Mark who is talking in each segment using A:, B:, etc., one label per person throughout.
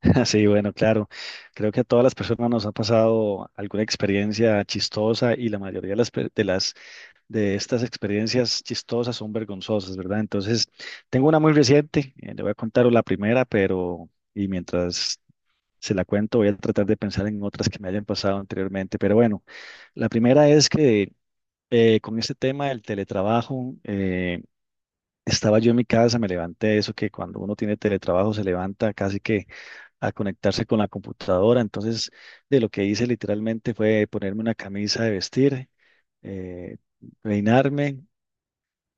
A: Sí, bueno, claro. Creo que a todas las personas nos ha pasado alguna experiencia chistosa y la mayoría de las, pe- de las de estas experiencias chistosas son vergonzosas, ¿verdad? Entonces, tengo una muy reciente, le voy a contar la primera, mientras se la cuento voy a tratar de pensar en otras que me hayan pasado anteriormente. Pero bueno, la primera es que con este tema del teletrabajo, estaba yo en mi casa, me levanté, eso que cuando uno tiene teletrabajo se levanta casi que a conectarse con la computadora. Entonces, de lo que hice literalmente fue ponerme una camisa de vestir, eh, peinarme,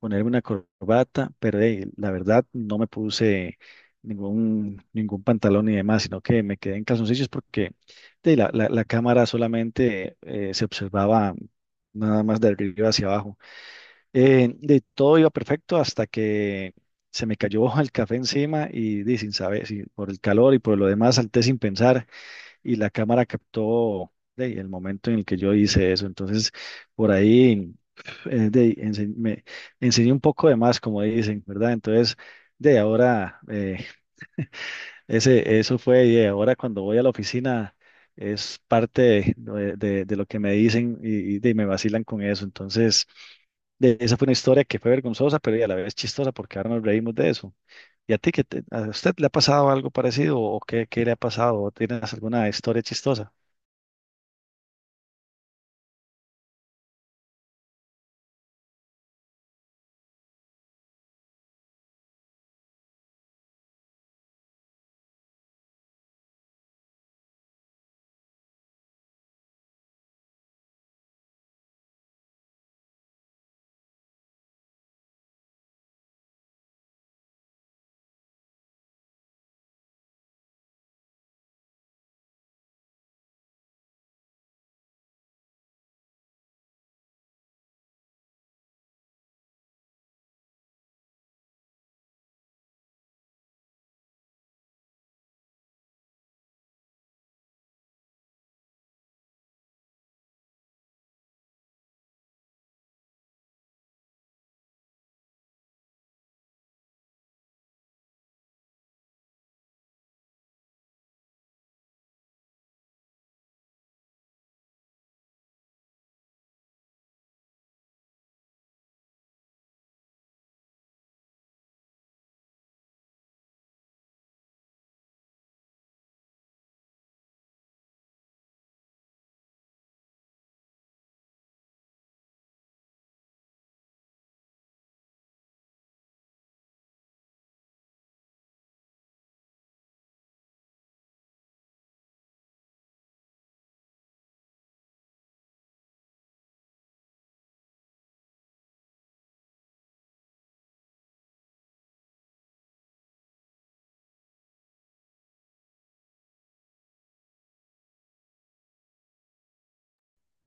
A: ponerme una corbata, pero la verdad no me puse ningún pantalón ni demás, sino que me quedé en calzoncillos porque la cámara solamente se observaba nada más de arriba hacia abajo. De todo iba perfecto hasta que se me cayó el café encima y sin saber, si por el calor y por lo demás salté sin pensar y la cámara captó el momento en el que yo hice eso. Entonces, por ahí me enseñé un poco de más, como dicen, ¿verdad? Entonces, de ahora, eso fue, y ahora cuando voy a la oficina es parte de, de lo que me dicen y me vacilan con eso. Entonces, esa fue una historia que fue vergonzosa, pero y a la vez chistosa porque ahora nos reímos de eso. ¿Y a ti, a usted le ha pasado algo parecido o qué, qué le ha pasado? O ¿tienes alguna historia chistosa?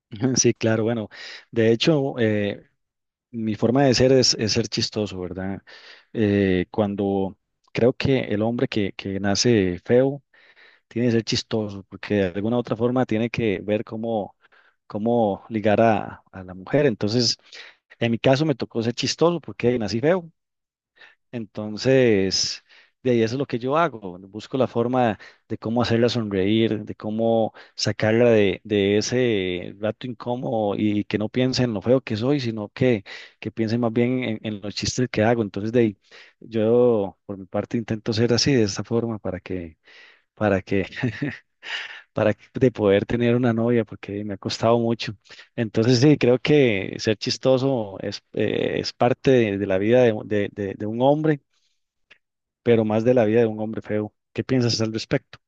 A: Sí, claro, bueno, de hecho, mi forma de ser es ser chistoso, ¿verdad? Cuando Creo que el hombre que nace feo tiene que ser chistoso, porque de alguna u otra forma tiene que ver cómo, cómo ligar a la mujer. Entonces, en mi caso me tocó ser chistoso porque nací feo. Entonces, de ahí eso es lo que yo hago. Bueno, busco la forma de cómo hacerla sonreír, de cómo sacarla de ese rato incómodo y que no piense en lo feo que soy, sino que piense más bien en los chistes que hago. Entonces, de ahí, yo por mi parte intento ser así, de esta forma, para que, para que- de poder tener una novia, porque me ha costado mucho. Entonces, sí, creo que ser chistoso es parte de la vida de un hombre pero más de la vida de un hombre feo. ¿Qué piensas al respecto?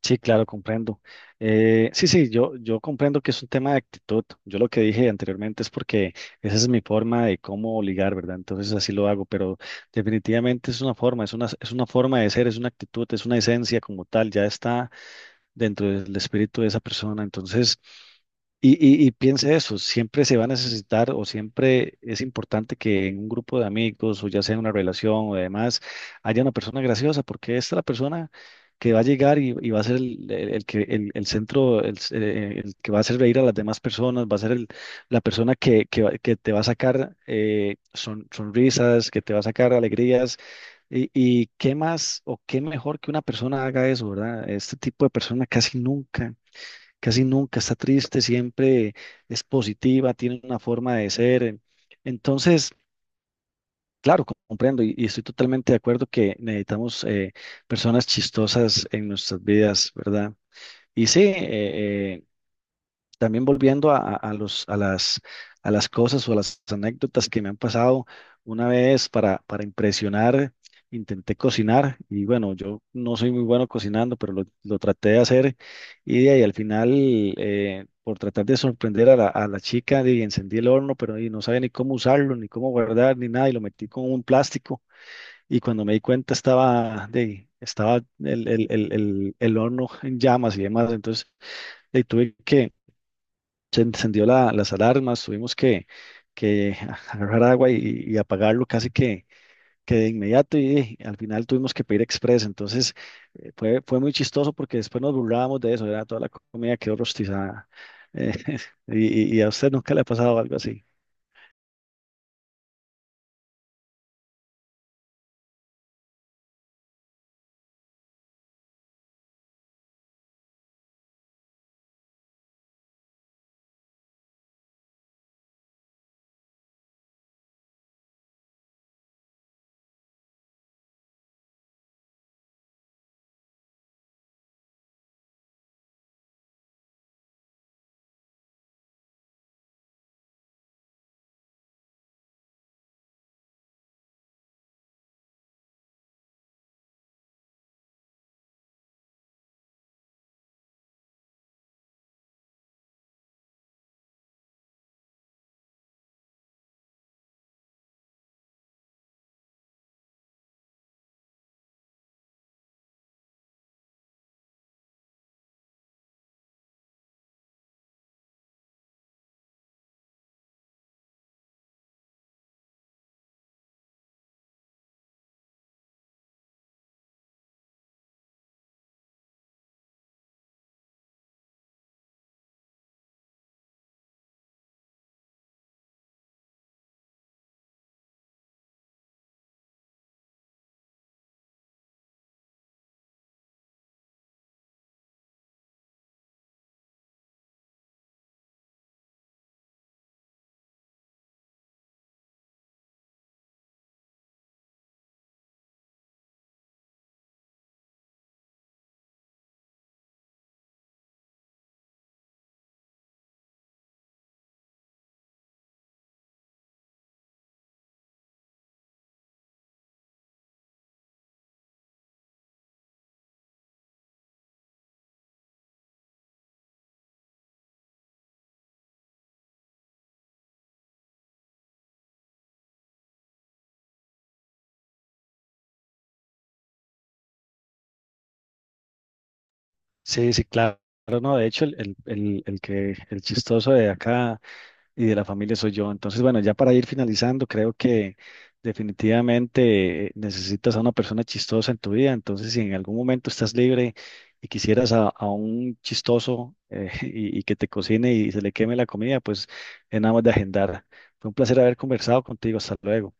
A: Sí, claro, comprendo. Sí, sí, yo comprendo que es un tema de actitud. Yo lo que dije anteriormente es porque esa es mi forma de cómo ligar, ¿verdad? Entonces así lo hago, pero definitivamente es una forma, es una forma de ser, es una actitud, es una esencia como tal, ya está dentro del espíritu de esa persona. Entonces, y, y piense eso, siempre se va a necesitar o siempre es importante que en un grupo de amigos o ya sea en una relación o demás haya una persona graciosa porque esta es la persona que va a llegar y va a ser el centro, el que va a hacer reír a las demás personas, va a ser la persona que te va a sacar sonrisas, que te va a sacar alegrías y qué más o qué mejor que una persona haga eso, ¿verdad? Este tipo de persona casi nunca está triste, siempre es positiva, tiene una forma de ser. Entonces, claro, comprendo y estoy totalmente de acuerdo que necesitamos personas chistosas en nuestras vidas, ¿verdad? Y sí, eh, también volviendo a las cosas o a las anécdotas que me han pasado, una vez para impresionar, intenté cocinar y bueno, yo no soy muy bueno cocinando, pero lo traté de hacer y, de ahí al final, por tratar de sorprender a la chica, ahí encendí el horno, pero y no sabía ni cómo usarlo, ni cómo guardar, ni nada, y lo metí con un plástico y cuando me di cuenta estaba el horno en llamas y demás, entonces de ahí tuve que se encendió las alarmas, que agarrar agua y apagarlo casi que de inmediato y, al final tuvimos que pedir express. Entonces fue muy chistoso porque después nos burlábamos de eso, era toda la comida quedó rostizada. Eh, y a usted nunca le ha pasado algo así. Sí, sí, claro. No, de hecho, el chistoso de acá y de la familia soy yo. Entonces, bueno, ya para ir finalizando, creo que definitivamente necesitas a una persona chistosa en tu vida. Entonces, si en algún momento estás libre y quisieras a un chistoso y que te cocine y se le queme la comida, pues es nada más de agendar. Fue un placer haber conversado contigo. Hasta luego.